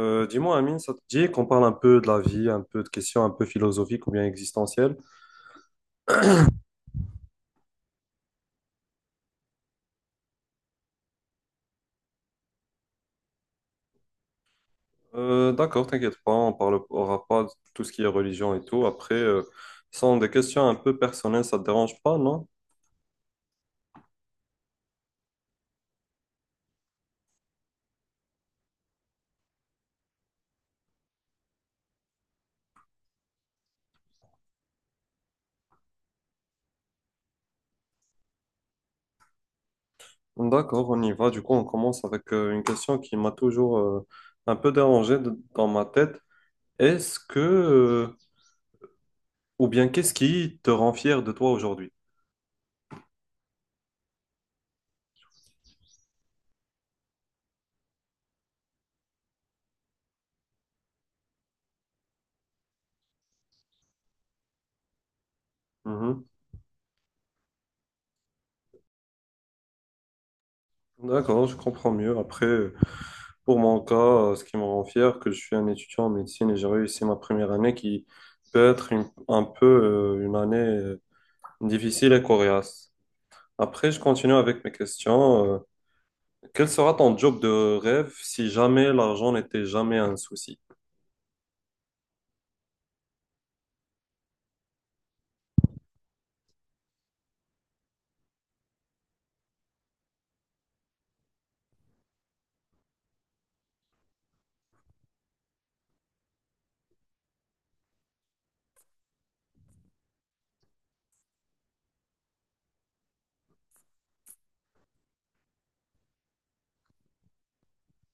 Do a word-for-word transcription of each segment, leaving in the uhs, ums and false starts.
Euh, dis-moi, Amine, ça te dit qu'on parle un peu de la vie, un peu de questions un peu philosophiques ou bien existentielles? Euh, d'accord, t'inquiète pas, on parlera pas de tout ce qui est religion et tout. Après, euh, ce sont des questions un peu personnelles, ça te dérange pas, non? D'accord, on y va. Du coup, on commence avec euh, une question qui m'a toujours euh, un peu dérangé de- dans ma tête. Est-ce que, euh, ou bien qu'est-ce qui te rend fier de toi aujourd'hui? Mhm. D'accord, je comprends mieux. Après, euh, pour mon cas, euh, ce qui me rend fier, que je suis un étudiant en médecine et j'ai réussi ma première année qui peut être une- un peu euh, une année euh, difficile et coriace. Après, je continue avec mes questions. Euh, quel sera ton job de rêve si jamais l'argent n'était jamais un souci?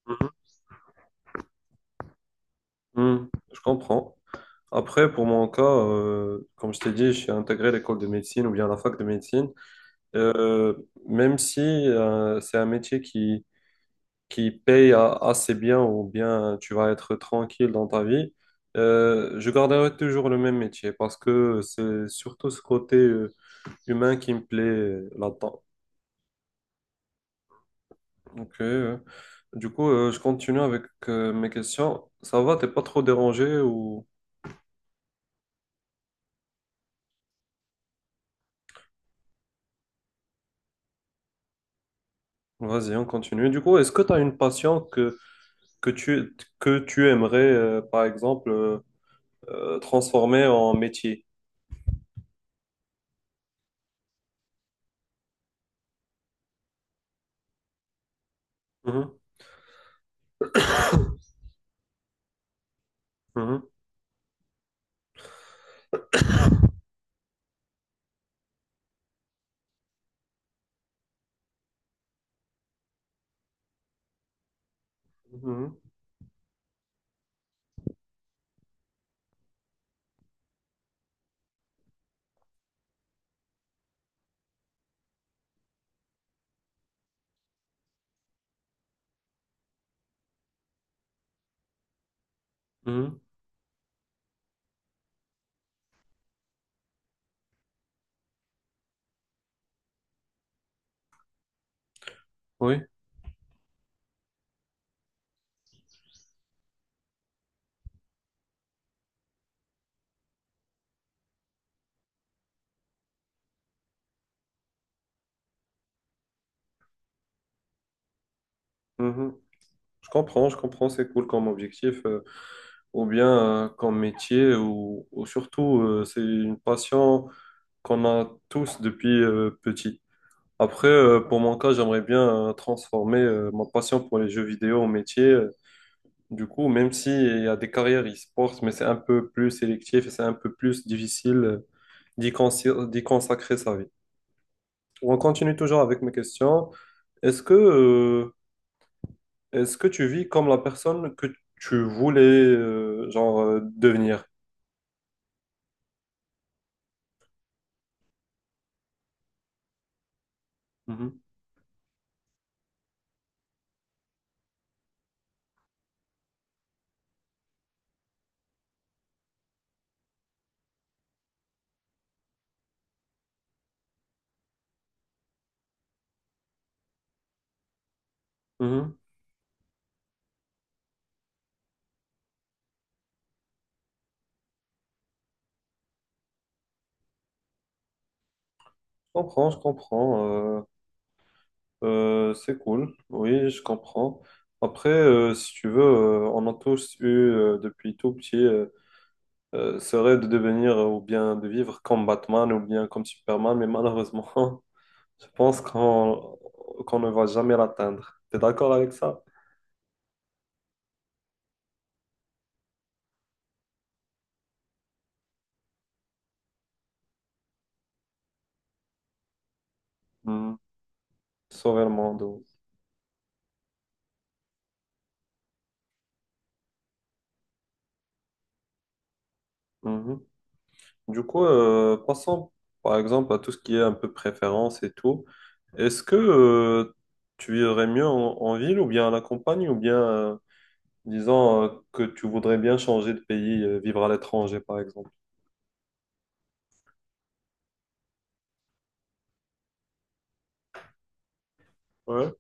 Mhm. Hmm, je comprends. Après, pour mon cas, euh, comme je t'ai dit, je suis intégré à l'école de médecine ou bien à la fac de médecine. Euh, Même si euh, c'est un métier qui qui paye a- assez bien ou bien tu vas être tranquille dans ta vie, euh, je garderai toujours le même métier parce que c'est surtout ce côté euh, humain qui me plaît euh, là-dedans. Ok. Euh, du coup, euh, je continue avec euh, mes questions. Ça va, t'es pas trop dérangé, ou? Vas-y, on continue. Du coup, est-ce que tu as une passion que, que tu, que tu aimerais, euh, par exemple, euh, euh, transformer en métier? Mhm, mhm, mhm, mhm, oui. Mhm. Je comprends, je comprends, c'est cool comme objectif, euh, ou bien euh, comme métier, ou, ou surtout, euh, c'est une passion qu'on a tous depuis euh, petit. Après, euh, pour mon cas, j'aimerais bien euh, transformer euh, ma passion pour les jeux vidéo en métier. Euh, Du coup, même si il y a des carrières e-sports, mais c'est un peu plus sélectif et c'est un peu plus difficile euh, d'y consi- d'y consacrer sa vie. On continue toujours avec mes questions. Est-ce que euh, Est-ce que tu vis comme la personne que tu voulais euh, genre euh, devenir? Mhm. Mhm. Je comprends, je comprends. euh, euh, c'est cool. Oui, je comprends. Après, euh, si tu veux, euh, on a tous eu euh, depuis tout petit euh, euh, ce rêve de devenir euh, ou bien de vivre comme Batman ou bien comme Superman, mais malheureusement, je pense qu'on qu'on ne va jamais l'atteindre. T'es d'accord avec ça? Mhm. Sauver le monde. Du coup, euh, passons par exemple à tout ce qui est un peu préférence et tout. Est-ce que euh, tu vivrais mieux en, en ville ou bien à la campagne ou bien euh, disons euh, que tu voudrais bien changer de pays, euh, vivre à l'étranger par exemple? Ouais.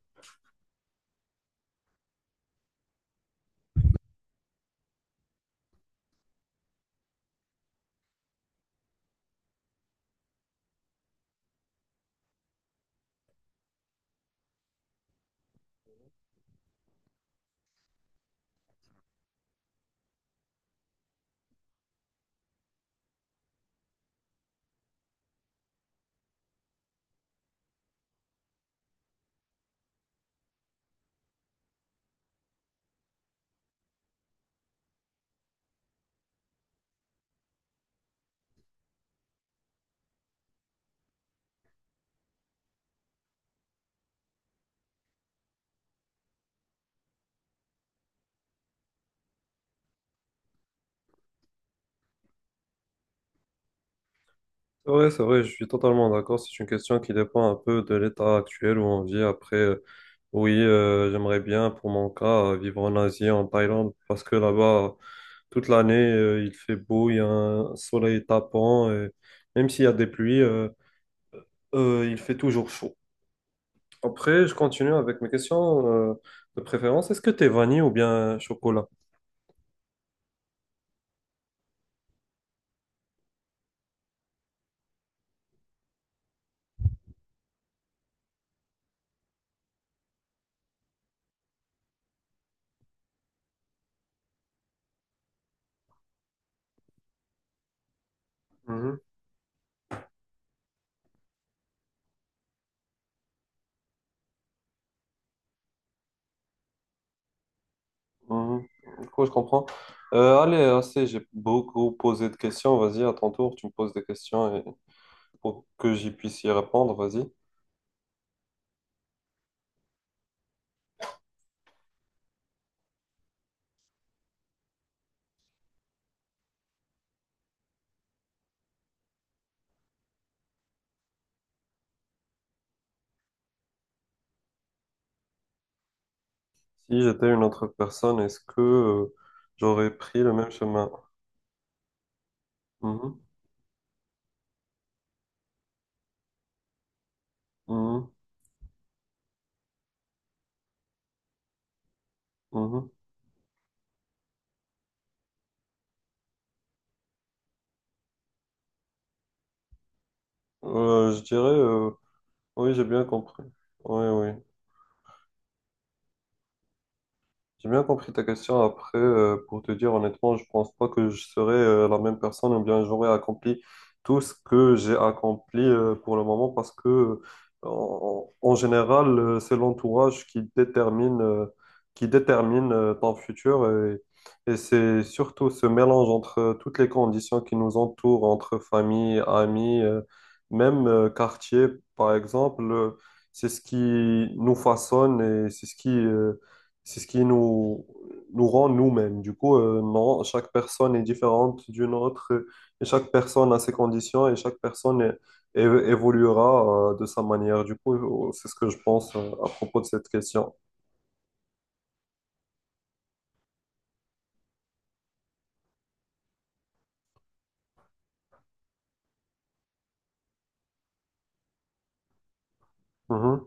C'est vrai, c'est vrai, je suis totalement d'accord. C'est une question qui dépend un peu de l'état actuel où on vit. Après, euh, oui, euh, j'aimerais bien pour mon cas euh, vivre en Asie, en Thaïlande, parce que là-bas, euh, toute l'année, euh, il fait beau, il y a un soleil tapant. Et même s'il y a des pluies, euh, Euh, il fait toujours chaud. Après, je continue avec mes questions euh, de préférence. Est-ce que t'es vanille ou bien chocolat? Mhm, mhm. Du coup, je comprends. Euh, allez, assez, j'ai beaucoup posé de questions. Vas-y, à ton tour, tu me poses des questions et pour que j'y puisse y répondre, vas-y. Si j'étais une autre personne, est-ce que euh, j'aurais pris le même chemin? Mhm, mhm, mhm. Euh, je dirais, euh, oui, j'ai bien compris. Oui, oui. J'ai bien compris ta question. Après, euh, pour te dire honnêtement, je pense pas que je serai euh, la même personne ou bien j'aurai accompli tout ce que j'ai accompli euh, pour le moment parce que, euh, en, en général, euh, c'est l'entourage qui détermine, euh, qui détermine euh, ton futur et, et c'est surtout ce mélange entre euh, toutes les conditions qui nous entourent, entre famille, amis, euh, même euh, quartier, par exemple, euh, c'est ce qui nous façonne et c'est ce qui... euh, c'est ce qui nous, nous rend nous-mêmes. Du coup, euh, non, chaque personne est différente d'une autre euh, et chaque personne a ses conditions et chaque personne é- é- évoluera euh, de sa manière. Du coup, euh, c'est ce que je pense euh, à propos de cette question. Mhm.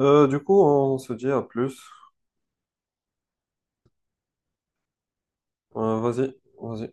Euh, du coup, on se dit à plus. Euh, vas-y, vas-y.